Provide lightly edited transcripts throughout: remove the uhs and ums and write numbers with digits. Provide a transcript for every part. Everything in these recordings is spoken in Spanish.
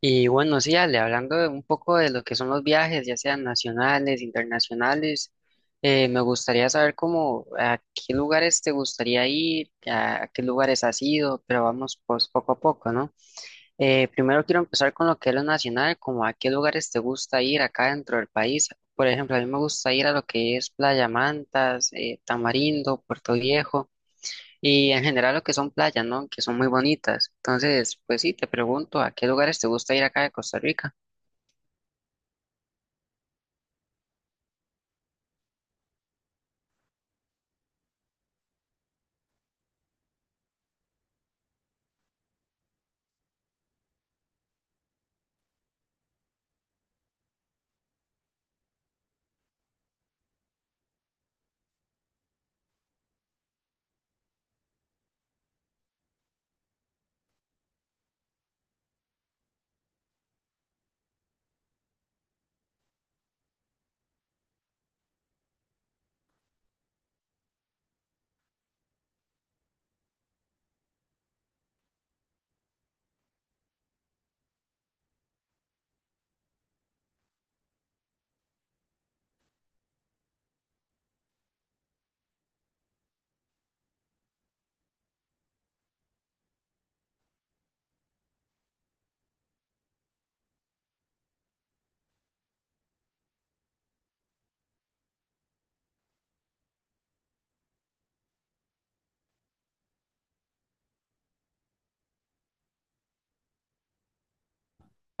Y bueno, sí, Ale, hablando de un poco de lo que son los viajes, ya sean nacionales, internacionales, me gustaría saber cómo, a qué lugares te gustaría ir, a qué lugares has ido, pero vamos pues poco a poco, ¿no? Primero quiero empezar con lo que es lo nacional, como a qué lugares te gusta ir acá dentro del país. Por ejemplo, a mí me gusta ir a lo que es Playa Mantas, Tamarindo, Puerto Viejo. Y en general lo que son playas, ¿no? Que son muy bonitas. Entonces, pues sí, te pregunto, ¿a qué lugares te gusta ir acá de Costa Rica?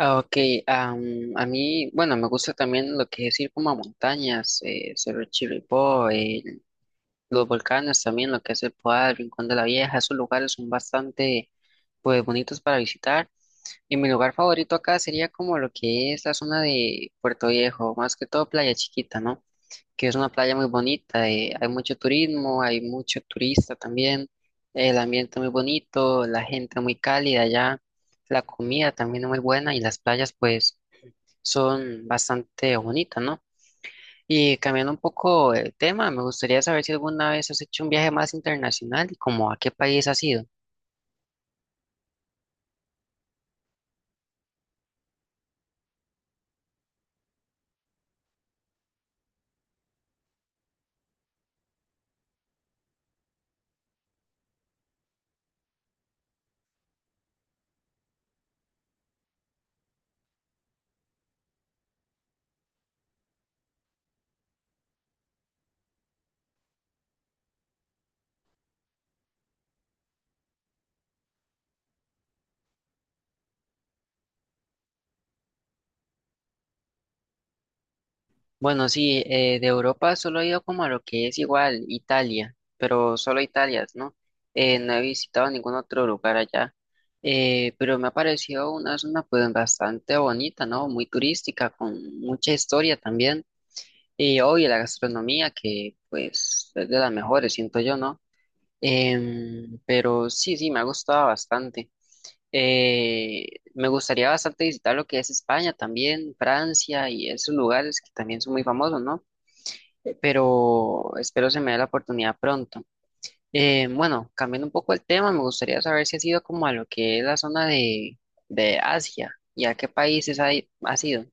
Ah, ok, am, a mí, bueno, me gusta también lo que es ir como a montañas, Cerro Chirripó, los volcanes también, lo que es el Poal, Rincón de la Vieja, esos lugares son bastante, pues, bonitos para visitar. Y mi lugar favorito acá sería como lo que es la zona de Puerto Viejo, más que todo Playa Chiquita, ¿no? Que es una playa muy bonita, hay mucho turismo, hay mucho turista también, el ambiente muy bonito, la gente muy cálida allá, la comida también es muy buena y las playas pues son bastante bonitas, ¿no? Y cambiando un poco el tema, me gustaría saber si alguna vez has hecho un viaje más internacional y como a qué país has ido. Bueno, sí, de Europa solo he ido como a lo que es igual Italia, pero solo Italia, ¿no? No he visitado ningún otro lugar allá, pero me ha parecido una zona pues bastante bonita, ¿no? Muy turística, con mucha historia también, y obvio la gastronomía que pues es de las mejores, siento yo, ¿no? Pero sí, sí, me ha gustado bastante. Eh, Me gustaría bastante visitar lo que es España también, Francia y esos lugares que también son muy famosos, ¿no? Pero espero se me dé la oportunidad pronto. Bueno, cambiando un poco el tema, me gustaría saber si has ido como a lo que es la zona de Asia y a qué países has ido.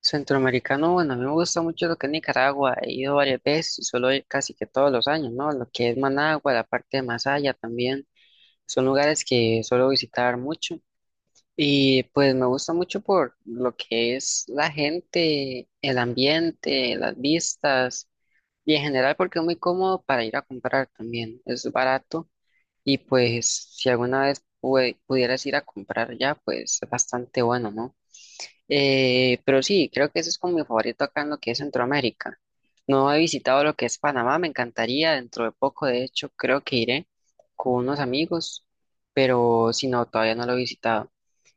Centroamericano, bueno, a mí me gusta mucho lo que es Nicaragua, he ido varias veces y suelo ir casi que todos los años, ¿no? Lo que es Managua, la parte de Masaya también, son lugares que suelo visitar mucho. Y pues me gusta mucho por lo que es la gente, el ambiente, las vistas. Y en general porque es muy cómodo para ir a comprar también, es barato y pues si alguna vez pudieras ir a comprar ya, pues es bastante bueno, ¿no? Pero sí, creo que eso es como mi favorito acá en lo que es Centroamérica. No he visitado lo que es Panamá, me encantaría, dentro de poco de hecho creo que iré con unos amigos, pero si no, todavía no lo he visitado.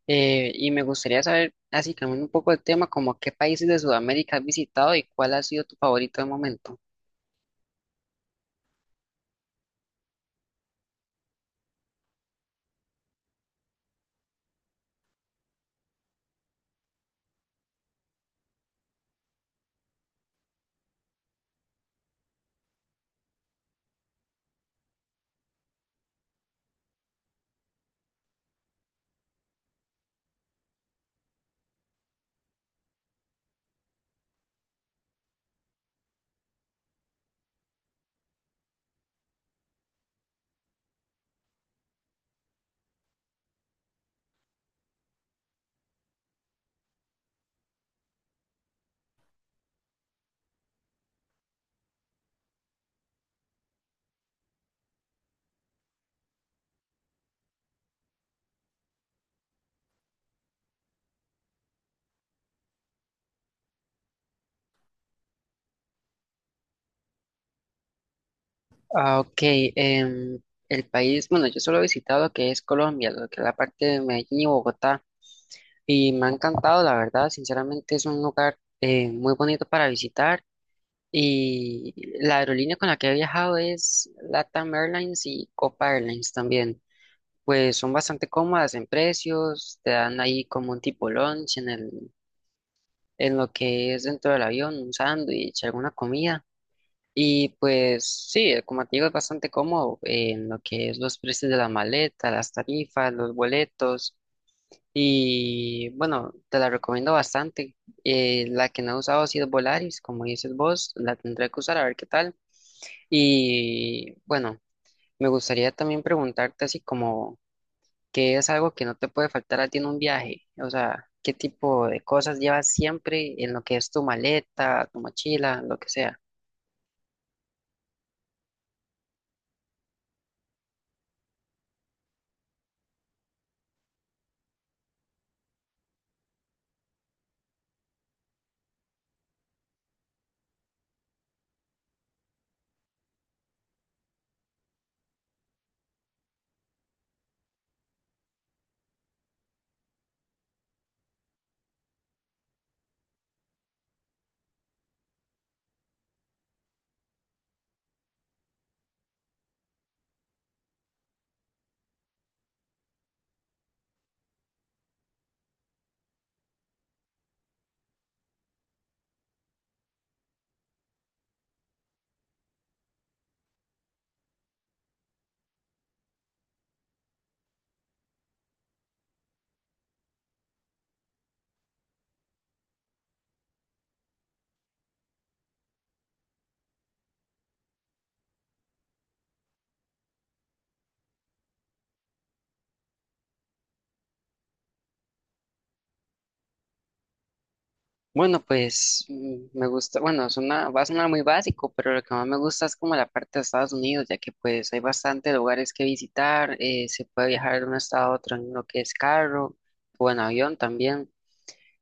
Y me gustaría saber, así cambiando un poco el tema, como qué países de Sudamérica has visitado y cuál ha sido tu favorito de momento. Ah, ok. em, el país, bueno, yo solo he visitado que es Colombia, lo que es la parte de Medellín y Bogotá, y me ha encantado, la verdad, sinceramente es un lugar muy bonito para visitar, y la aerolínea con la que he viajado es LATAM Airlines y Copa Airlines también, pues son bastante cómodas en precios, te dan ahí como un tipo lunch en el, en lo que es dentro del avión, un sándwich, alguna comida. Y pues sí, como te digo, es bastante cómodo en lo que es los precios de la maleta, las tarifas, los boletos. Y bueno, te la recomiendo bastante. La que no he usado ha sido Volaris, como dices vos, la tendré que usar a ver qué tal. Y bueno, me gustaría también preguntarte así como ¿qué es algo que no te puede faltar a ti en un viaje? O sea, ¿qué tipo de cosas llevas siempre en lo que es tu maleta, tu mochila, lo que sea? Bueno, pues me gusta, bueno, suena, va a sonar muy básico, pero lo que más me gusta es como la parte de Estados Unidos, ya que pues hay bastantes lugares que visitar, se puede viajar de un estado a otro en lo que es carro o en avión también.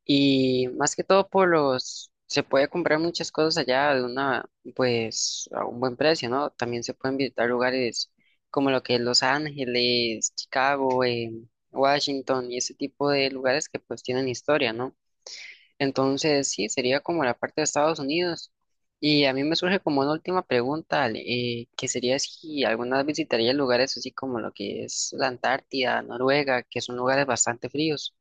Y más que todo por los, se puede comprar muchas cosas allá de una, pues a un buen precio, ¿no? También se pueden visitar lugares como lo que es Los Ángeles, Chicago, Washington y ese tipo de lugares que pues tienen historia, ¿no? Entonces, sí, sería como la parte de Estados Unidos. Y a mí me surge como una última pregunta, Ale, que sería si alguna vez visitaría lugares así como lo que es la Antártida, Noruega, que son lugares bastante fríos.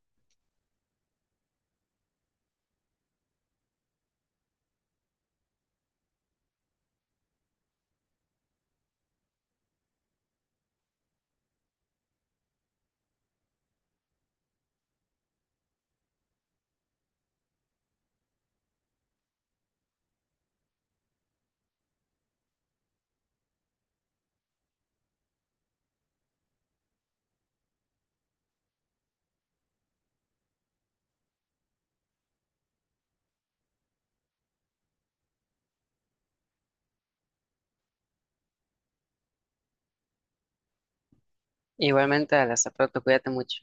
Igualmente, Ale, hasta pronto, cuídate mucho.